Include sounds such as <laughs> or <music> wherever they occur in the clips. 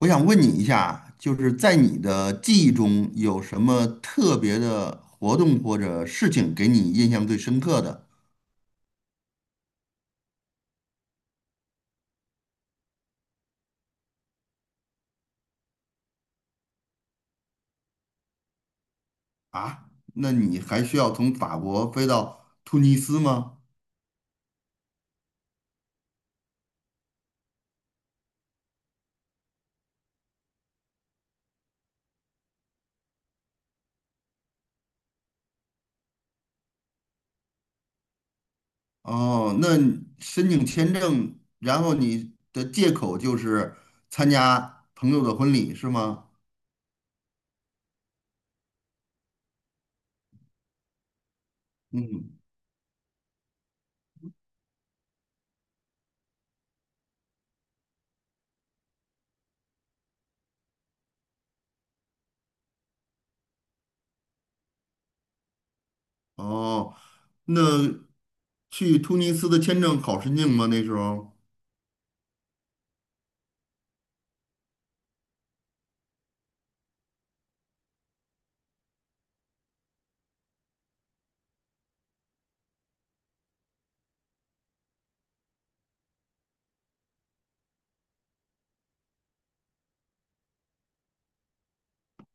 我想问你一下，就是在你的记忆中有什么特别的活动或者事情给你印象最深刻的啊？那你还需要从法国飞到突尼斯吗？哦，那你申请签证，然后你的借口就是参加朋友的婚礼是吗？嗯，哦，那去突尼斯的签证好申请吗？那时候？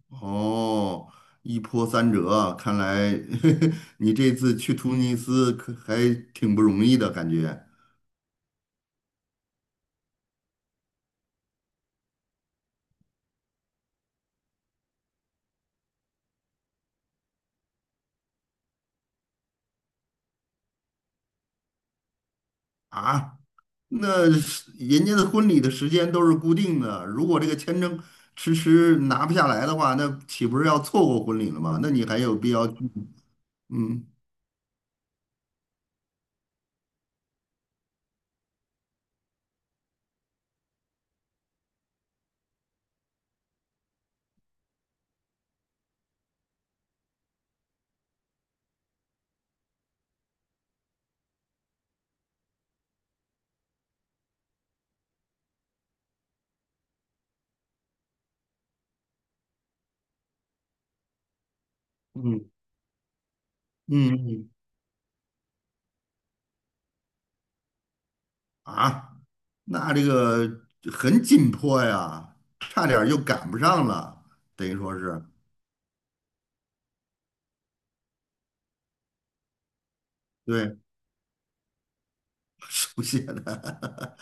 哦，一波三折啊看来 <laughs> 你这次去突尼斯可还挺不容易的感觉啊。那是人家的婚礼的时间都是固定的，如果这个签证迟迟拿不下来的话，那岂不是要错过婚礼了吗？那你还有必要去？嗯嗯嗯嗯啊，那这个很紧迫呀，差点儿就赶不上了，等于说是对 <laughs> 手写的。<laughs>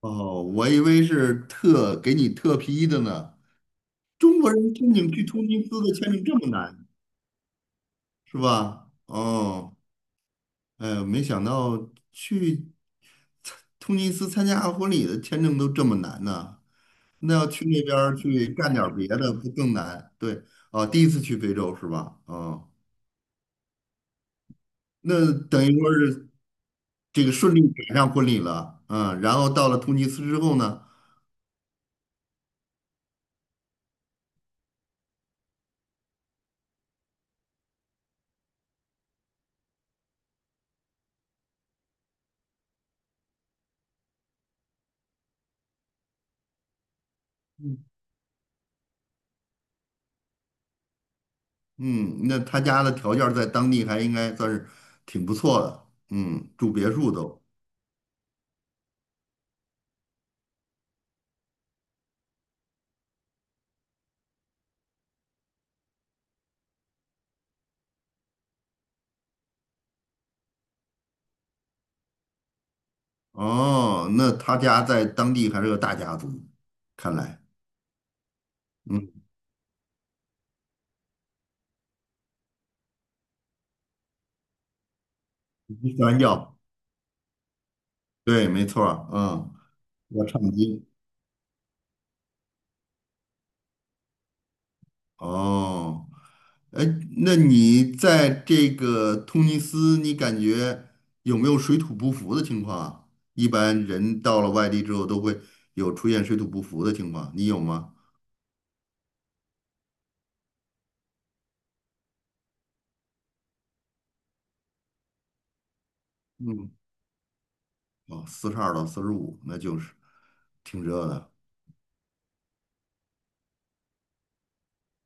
哦，我以为是特给你特批的呢。中国人申请去突尼斯的签证这么难，是吧？哦，哎呦没想到去突尼斯参加婚礼的签证都这么难呢。那要去那边儿去干点儿别的，不更难？对，啊，第一次去非洲是吧？嗯，那等于说是这个顺利赶上婚礼了，嗯，然后到了突尼斯之后呢，嗯，那他家的条件在当地还应该算是挺不错的，嗯，住别墅都。哦，那他家在当地还是个大家族，看来，嗯，一山药，对，没错儿嗯，要唱经。哦，哎，那你在这个突尼斯，你感觉有没有水土不服的情况啊？一般人到了外地之后都会有出现水土不服的情况，你有吗？嗯。哦，42到45，那就是挺热的。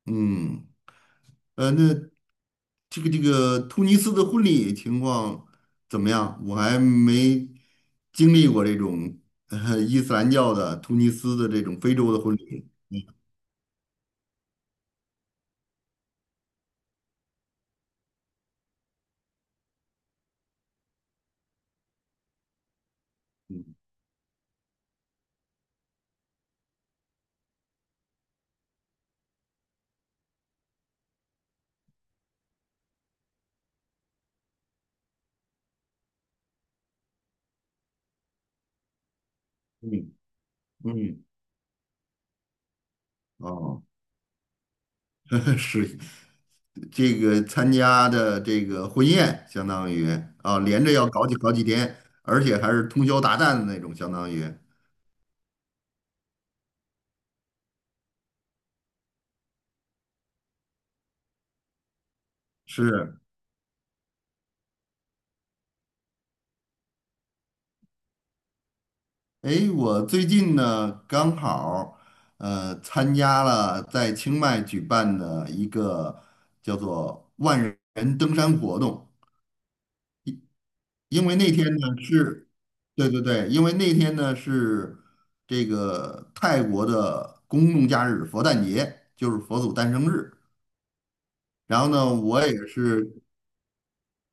嗯，那这个突尼斯的婚礼情况怎么样？我还没经历过这种伊斯兰教的突尼斯的这种非洲的婚礼。嗯嗯嗯，哦，<laughs> 是这个参加的这个婚宴，相当于啊，连着要搞几天，而且还是通宵达旦的那种，相当于是。诶，我最近呢刚好参加了在清迈举办的一个叫做万人登山活动，因为那天呢是，对对对，因为那天呢是这个泰国的公众假日佛诞节，就是佛祖诞生日。然后呢，我也是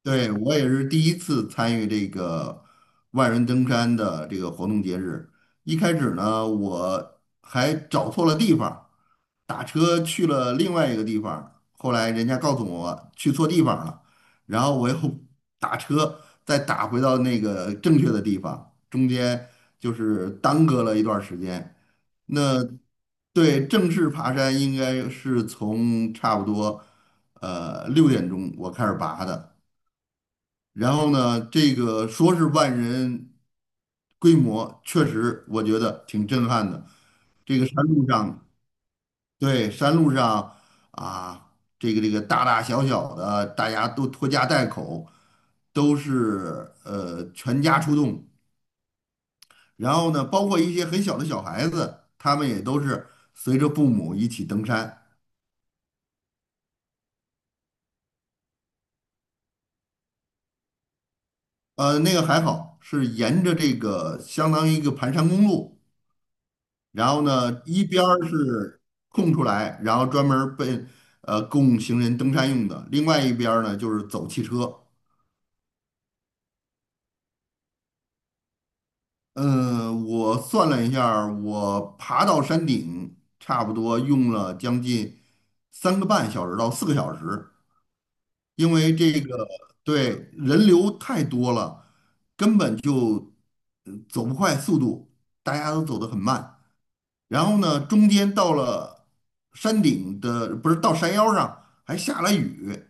对，我也是第一次参与这个万人登山的这个活动节日。一开始呢，我还找错了地方，打车去了另外一个地方。后来人家告诉我去错地方了，然后我又 <laughs> 打车再打回到那个正确的地方，中间就是耽搁了一段儿时间。那对，正式爬山应该是从差不多6点钟我开始爬的。然后呢，这个说是万人规模，确实我觉得挺震撼的。这个山路上，对，山路上啊，这个大大小小的，大家都拖家带口，都是全家出动。然后呢，包括一些很小的小孩子，他们也都是随着父母一起登山。那个还好，是沿着这个相当于一个盘山公路。然后呢，一边儿是空出来，然后专门儿被供行人登山用的，另外一边儿呢就是走汽车。嗯，我算了一下儿我爬到山顶差不多用了将近3个半小时到四个小时，因为这个对人流太多了，根本就走不快速度，大家都走得很慢。然后呢，中间到了山顶的，不是到山腰上还下了雨，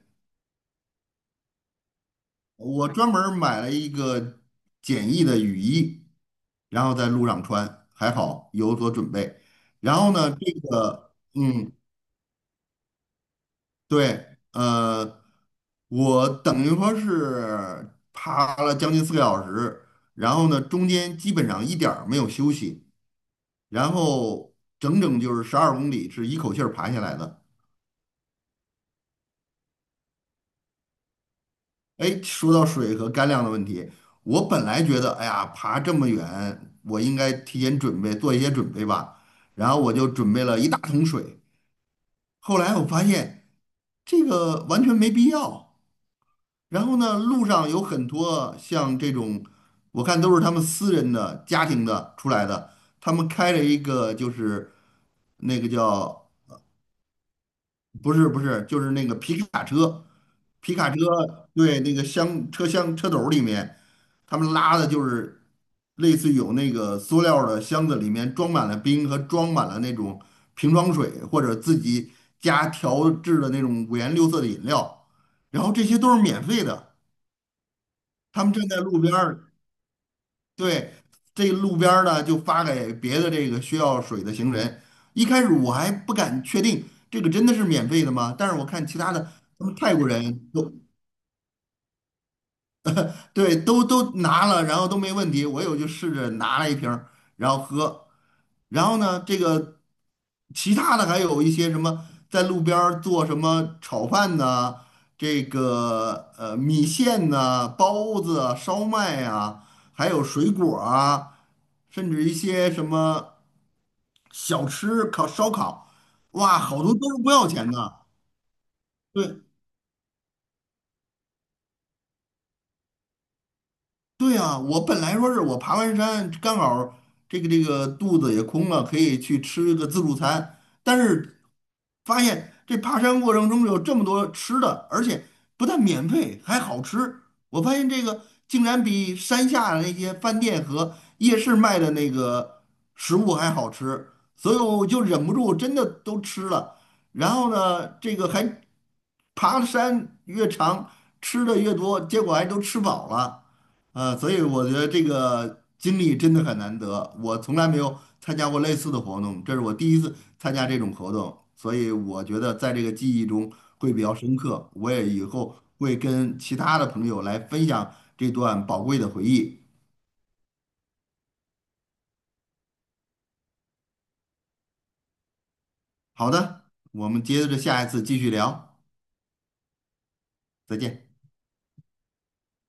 我专门儿买了一个简易的雨衣，然后在路上穿，还好有所准备。然后呢，这个，对，我等于说是爬了将近四个小时，然后呢，中间基本上一点儿没有休息，然后整整就是12公里是一口气儿爬下来的。哎，说到水和干粮的问题，我本来觉得，哎呀，爬这么远，我应该提前准备，做一些准备吧。然后我就准备了一大桶水。后来我发现这个完全没必要。然后呢，路上有很多像这种，我看都是他们私人的、家庭的出来的，他们开了一个就是那个叫不是不是，就是那个皮卡车，皮卡车对那个箱车厢车斗里面，他们拉的就是类似有那个塑料的箱子，里面装满了冰和装满了那种瓶装水，或者自己家调制的那种五颜六色的饮料，然后这些都是免费的。他们站在路边儿对，这路边儿呢就发给别的这个需要水的行人。一开始我还不敢确定这个真的是免费的吗？但是我看其他的，他们泰国人都对，都拿了，然后都没问题。我有就试着拿了一瓶儿，然后喝。然后呢，这个其他的还有一些什么，在路边儿做什么炒饭呐、这个米线呐、包子啊、烧麦啊，还有水果儿啊，甚至一些什么小吃、烤烧烤，哇，好多都是不要钱的。对，对啊，我本来说是我爬完山，刚好儿这个肚子也空了，可以去吃个自助餐。但是发现这爬山过程中有这么多吃的，而且不但免费，还好吃。我发现这个竟然比山下的那些饭店和夜市卖的那个食物还好吃，所以我就忍不住真的都吃了。然后呢，这个还爬的山越长，吃的越多，结果还都吃饱了。所以我觉得这个经历真的很难得，我从来没有参加过类似的活动，这是我第一次参加这种活动，所以我觉得在这个记忆中会比较深刻，我也以后会跟其他的朋友来分享这段宝贵的回忆。好的，我们接着下一次继续聊，再见。